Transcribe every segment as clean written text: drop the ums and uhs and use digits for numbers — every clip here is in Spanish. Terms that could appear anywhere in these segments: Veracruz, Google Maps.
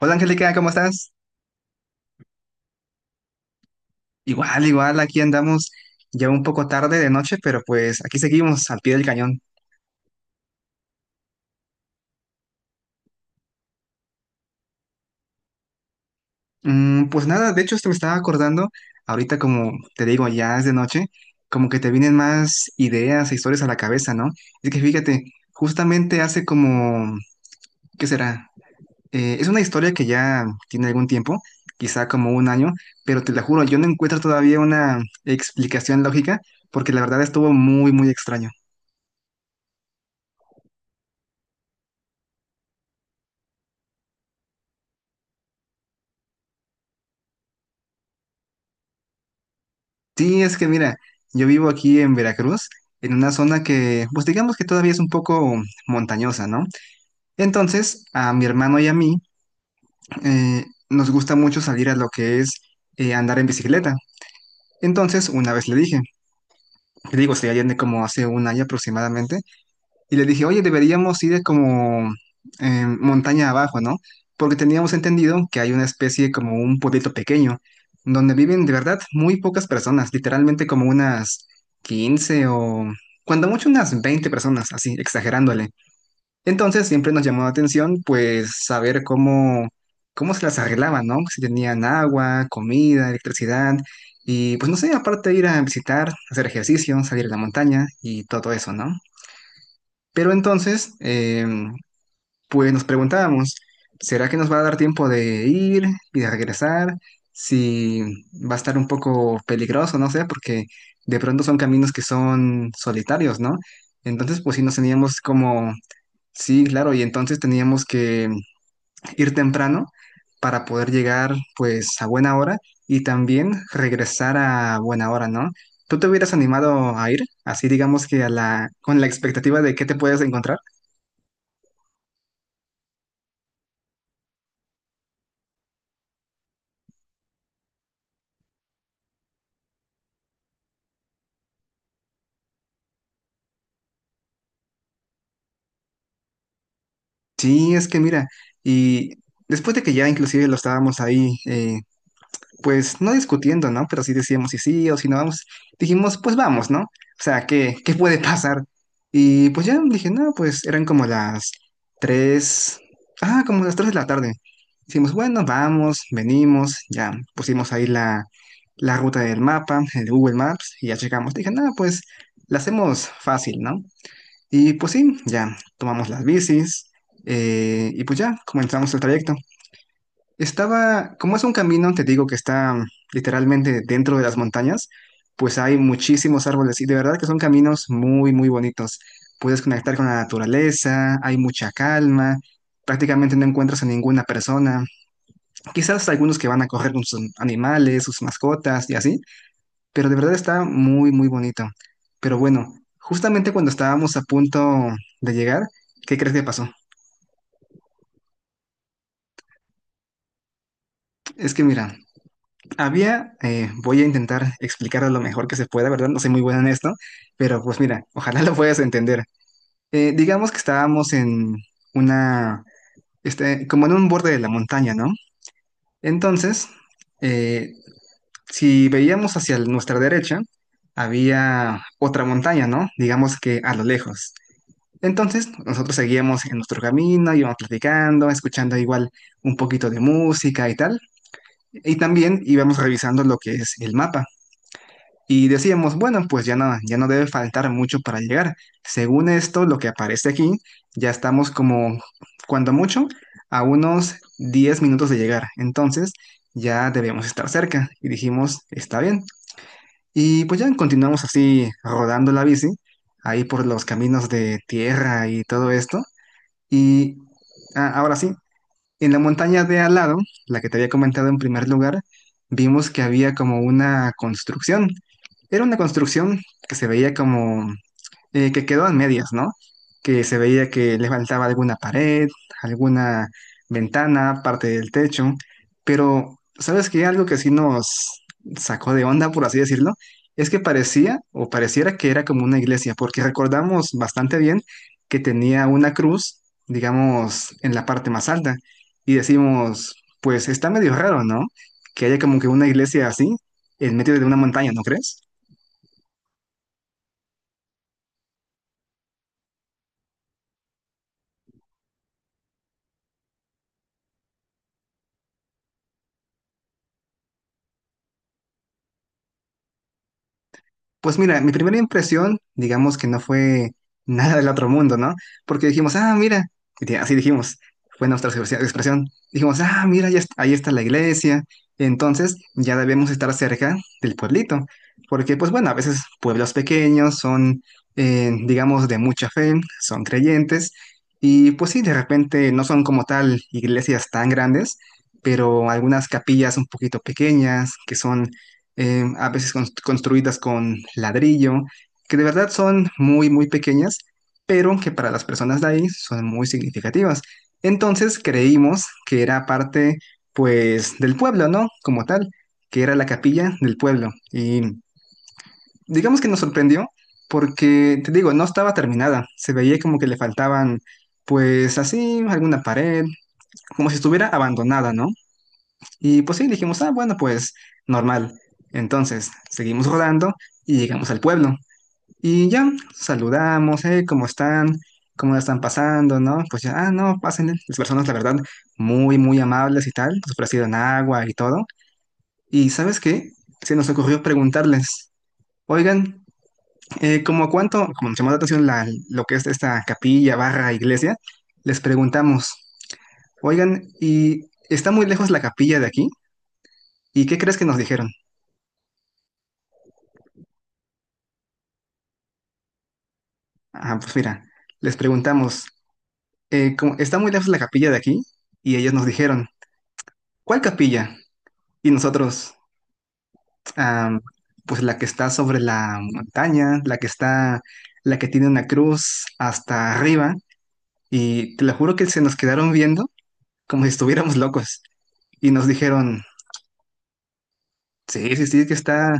Hola Angélica, ¿cómo estás? Igual, igual, aquí andamos ya un poco tarde de noche, pero pues aquí seguimos al pie del cañón. Pues nada, de hecho, esto me estaba acordando, ahorita como te digo, ya es de noche, como que te vienen más ideas e historias a la cabeza, ¿no? Es que fíjate, justamente hace como, ¿qué será? Es una historia que ya tiene algún tiempo, quizá como un año, pero te la juro, yo no encuentro todavía una explicación lógica, porque la verdad estuvo muy, muy extraño. Sí, es que mira, yo vivo aquí en Veracruz, en una zona que, pues digamos que todavía es un poco montañosa, ¿no? Entonces, a mi hermano y a mí nos gusta mucho salir a lo que es andar en bicicleta. Entonces, una vez le dije, le digo, se allende como hace un año aproximadamente, y les dije, oye, deberíamos ir como montaña abajo, ¿no? Porque teníamos entendido que hay una especie como un pueblito pequeño, donde viven de verdad muy pocas personas, literalmente como unas 15 o cuando mucho unas 20 personas, así, exagerándole. Entonces siempre nos llamó la atención pues saber cómo, cómo se las arreglaban, ¿no? Si tenían agua, comida, electricidad y pues no sé, aparte ir a visitar, hacer ejercicio, salir a la montaña y todo eso, ¿no? Pero entonces, pues nos preguntábamos, ¿será que nos va a dar tiempo de ir y de regresar? Si va a estar un poco peligroso, no sé, porque de pronto son caminos que son solitarios, ¿no? Entonces, pues sí nos teníamos como, sí, claro, y entonces teníamos que ir temprano para poder llegar pues a buena hora y también regresar a buena hora, ¿no? ¿Tú te hubieras animado a ir? Así digamos que a la, con la expectativa de qué te puedes encontrar. Sí, es que mira, y después de que ya inclusive lo estábamos ahí, pues no discutiendo, ¿no? Pero sí decíamos si sí o si no vamos, dijimos, pues vamos, ¿no? O sea, ¿qué, qué puede pasar? Y pues ya dije, no, pues eran tres, como las 3 de la tarde. Dijimos, bueno, vamos, venimos, ya pusimos ahí la, la ruta del mapa, el Google Maps, y ya llegamos. Dije, no, pues la hacemos fácil, ¿no? Y pues sí, ya tomamos las bicis y pues ya comenzamos el trayecto. Estaba, como es un camino, te digo que está literalmente dentro de las montañas, pues hay muchísimos árboles y de verdad que son caminos muy, muy bonitos. Puedes conectar con la naturaleza, hay mucha calma, prácticamente no encuentras a ninguna persona. Quizás algunos que van a correr con sus animales, sus mascotas y así, pero de verdad está muy, muy bonito. Pero bueno, justamente cuando estábamos a punto de llegar, ¿qué crees que pasó? Es que mira, había, voy a intentar explicarlo lo mejor que se pueda, ¿verdad? No soy muy bueno en esto, pero pues mira, ojalá lo puedas entender. Digamos que estábamos en una, este, como en un borde de la montaña, ¿no? Entonces, eh, si veíamos hacia nuestra derecha, había otra montaña, ¿no? Digamos que a lo lejos. Entonces, nosotros seguíamos en nuestro camino, íbamos platicando, escuchando igual un poquito de música y tal. Y también íbamos revisando lo que es el mapa. Y decíamos, bueno, pues ya no, ya no debe faltar mucho para llegar. Según esto, lo que aparece aquí, ya estamos como, cuando mucho, a unos 10 minutos de llegar. Entonces, ya debemos estar cerca. Y dijimos, está bien. Y pues ya continuamos así rodando la bici, ahí por los caminos de tierra y todo esto. Y ah, ahora sí, en la montaña de al lado, la que te había comentado en primer lugar, vimos que había como una construcción. Era una construcción que se veía como que quedó a medias, ¿no? Que se veía que le faltaba alguna pared, alguna ventana, parte del techo, pero ¿sabes qué? Algo que sí nos sacó de onda, por así decirlo, es que parecía o pareciera que era como una iglesia, porque recordamos bastante bien que tenía una cruz, digamos, en la parte más alta, y decimos, pues está medio raro, ¿no? Que haya como que una iglesia así en medio de una montaña, ¿no crees? Pues mira, mi primera impresión, digamos que no fue nada del otro mundo, ¿no? Porque dijimos, ah, mira, y así dijimos, fue nuestra expresión. Dijimos, ah, mira, ahí está la iglesia, entonces ya debemos estar cerca del pueblito, porque pues bueno, a veces pueblos pequeños son, digamos, de mucha fe, son creyentes, y pues sí, de repente no son como tal iglesias tan grandes, pero algunas capillas un poquito pequeñas, que son a veces construidas con ladrillo, que de verdad son muy, muy pequeñas, pero que para las personas de ahí son muy significativas. Entonces creímos que era parte, pues, del pueblo, ¿no? Como tal, que era la capilla del pueblo. Y digamos que nos sorprendió porque, te digo, no estaba terminada, se veía como que le faltaban, pues, así, alguna pared, como si estuviera abandonada, ¿no? Y pues sí, dijimos, ah, bueno, pues normal. Entonces, seguimos rodando y llegamos al pueblo. Y ya, saludamos, ¿cómo están? ¿Cómo la están pasando? ¿No? Pues ya, ah, no, pasen. Las personas, la verdad, muy, muy amables y tal. Nos ofrecieron agua y todo. Y ¿sabes qué? Se nos ocurrió preguntarles, oigan, ¿cómo cuánto, como nos llamó la atención lo que es esta capilla, barra, iglesia, les preguntamos, oigan, ¿y está muy lejos la capilla de aquí? ¿Y qué crees que nos dijeron? Ah, pues mira, les preguntamos, está muy lejos la capilla de aquí y ellos nos dijeron, ¿cuál capilla? Y nosotros, ah, pues la que está sobre la montaña, la que está, la que tiene una cruz hasta arriba y te lo juro que se nos quedaron viendo como si estuviéramos locos y nos dijeron, sí, sí, sí, que está,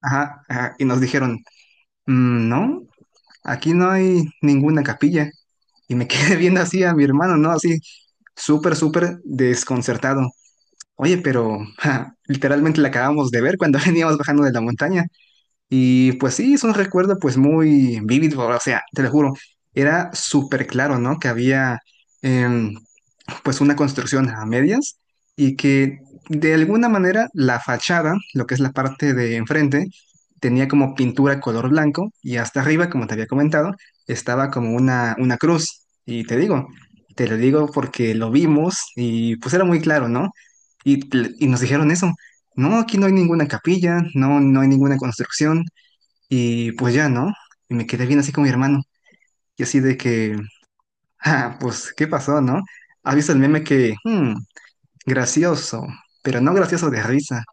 ajá, ajá, y nos dijeron, Mm, no, aquí no hay ninguna capilla. Y me quedé viendo así a mi hermano, ¿no? Así, súper, súper desconcertado. Oye, pero ja, literalmente la acabamos de ver cuando veníamos bajando de la montaña. Y pues sí, es un recuerdo pues muy vívido, o sea, te lo juro, era súper claro, ¿no? Que había... em, pues una construcción a medias y que de alguna manera la fachada, lo que es la parte de enfrente, tenía como pintura color blanco y hasta arriba, como te había comentado, estaba como una cruz. Y te digo, te lo digo porque lo vimos y pues era muy claro, ¿no? Y, y nos dijeron eso, no, aquí no hay ninguna capilla, no, no hay ninguna construcción y pues ya, ¿no? Y me quedé bien así con mi hermano y así de que, ah, pues, ¿qué pasó, no? ¿Has visto el meme que, gracioso, pero no gracioso de risa,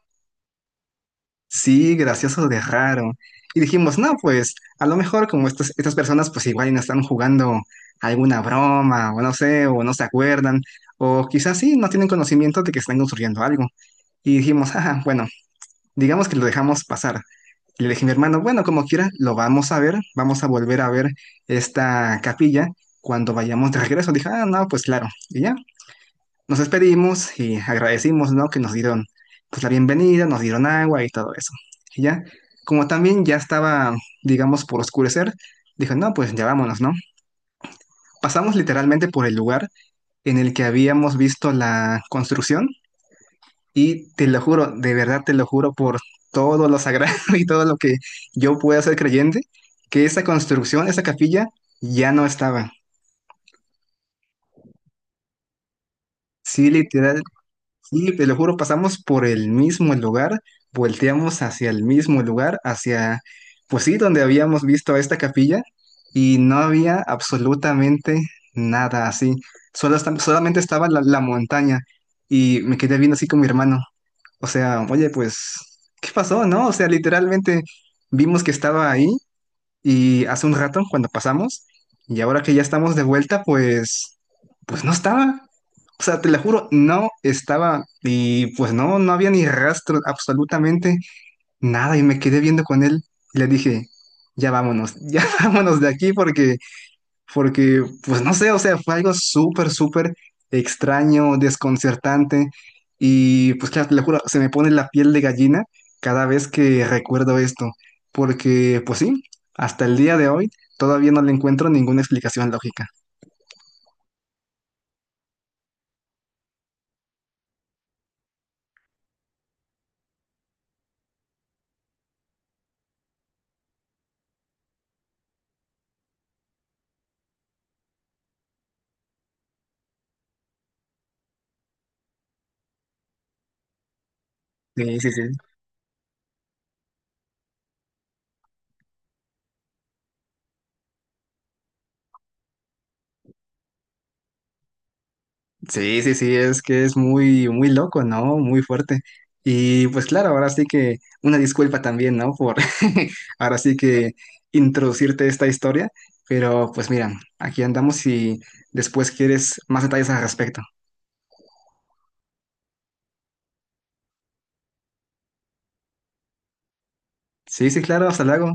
sí, gracioso de raro. Y dijimos, no, pues a lo mejor como estas, estas personas pues igual y no están jugando alguna broma, o no sé, o no se acuerdan, o quizás sí, no tienen conocimiento de que están construyendo algo. Y dijimos, ajá, bueno, digamos que lo dejamos pasar. Y le dije a mi hermano, bueno, como quiera, lo vamos a ver, vamos a volver a ver esta capilla cuando vayamos de regreso. Dije, ah, no, pues claro. Y ya, nos despedimos y agradecimos, ¿no? Que nos dieron pues la bienvenida, nos dieron agua y todo eso. Y ya, como también ya estaba, digamos, por oscurecer, dijo, no, pues ya vámonos, ¿no? Pasamos literalmente por el lugar en el que habíamos visto la construcción y te lo juro, de verdad te lo juro por todo lo sagrado y todo lo que yo pueda ser creyente, que esa construcción, esa capilla, ya no estaba. Sí, literal. Sí, te lo juro, pasamos por el mismo lugar, volteamos hacia el mismo lugar, hacia, pues sí, donde habíamos visto a esta capilla, y no había absolutamente nada así. Solamente estaba la, la montaña, y me quedé viendo así con mi hermano. O sea, oye, pues, ¿qué pasó, no? O sea, literalmente vimos que estaba ahí, y hace un rato, cuando pasamos, y ahora que ya estamos de vuelta, pues, pues no estaba. O sea, te lo juro, no estaba. Y pues no, no había ni rastro, absolutamente nada. Y me quedé viendo con él y le dije, ya vámonos, ya vámonos de aquí porque pues no sé, o sea, fue algo súper, súper extraño, desconcertante, y pues claro, te lo juro, se me pone la piel de gallina cada vez que recuerdo esto, porque, pues sí, hasta el día de hoy todavía no le encuentro ninguna explicación lógica. Sí, sí, sí. Sí, sí, sí, es que es muy, muy loco, ¿no? Muy fuerte. Y pues claro, ahora sí que una disculpa también, ¿no? Por ahora sí que introducirte esta historia, pero pues mira, aquí andamos y después quieres más detalles al respecto. Sí, sí, claro, hasta luego.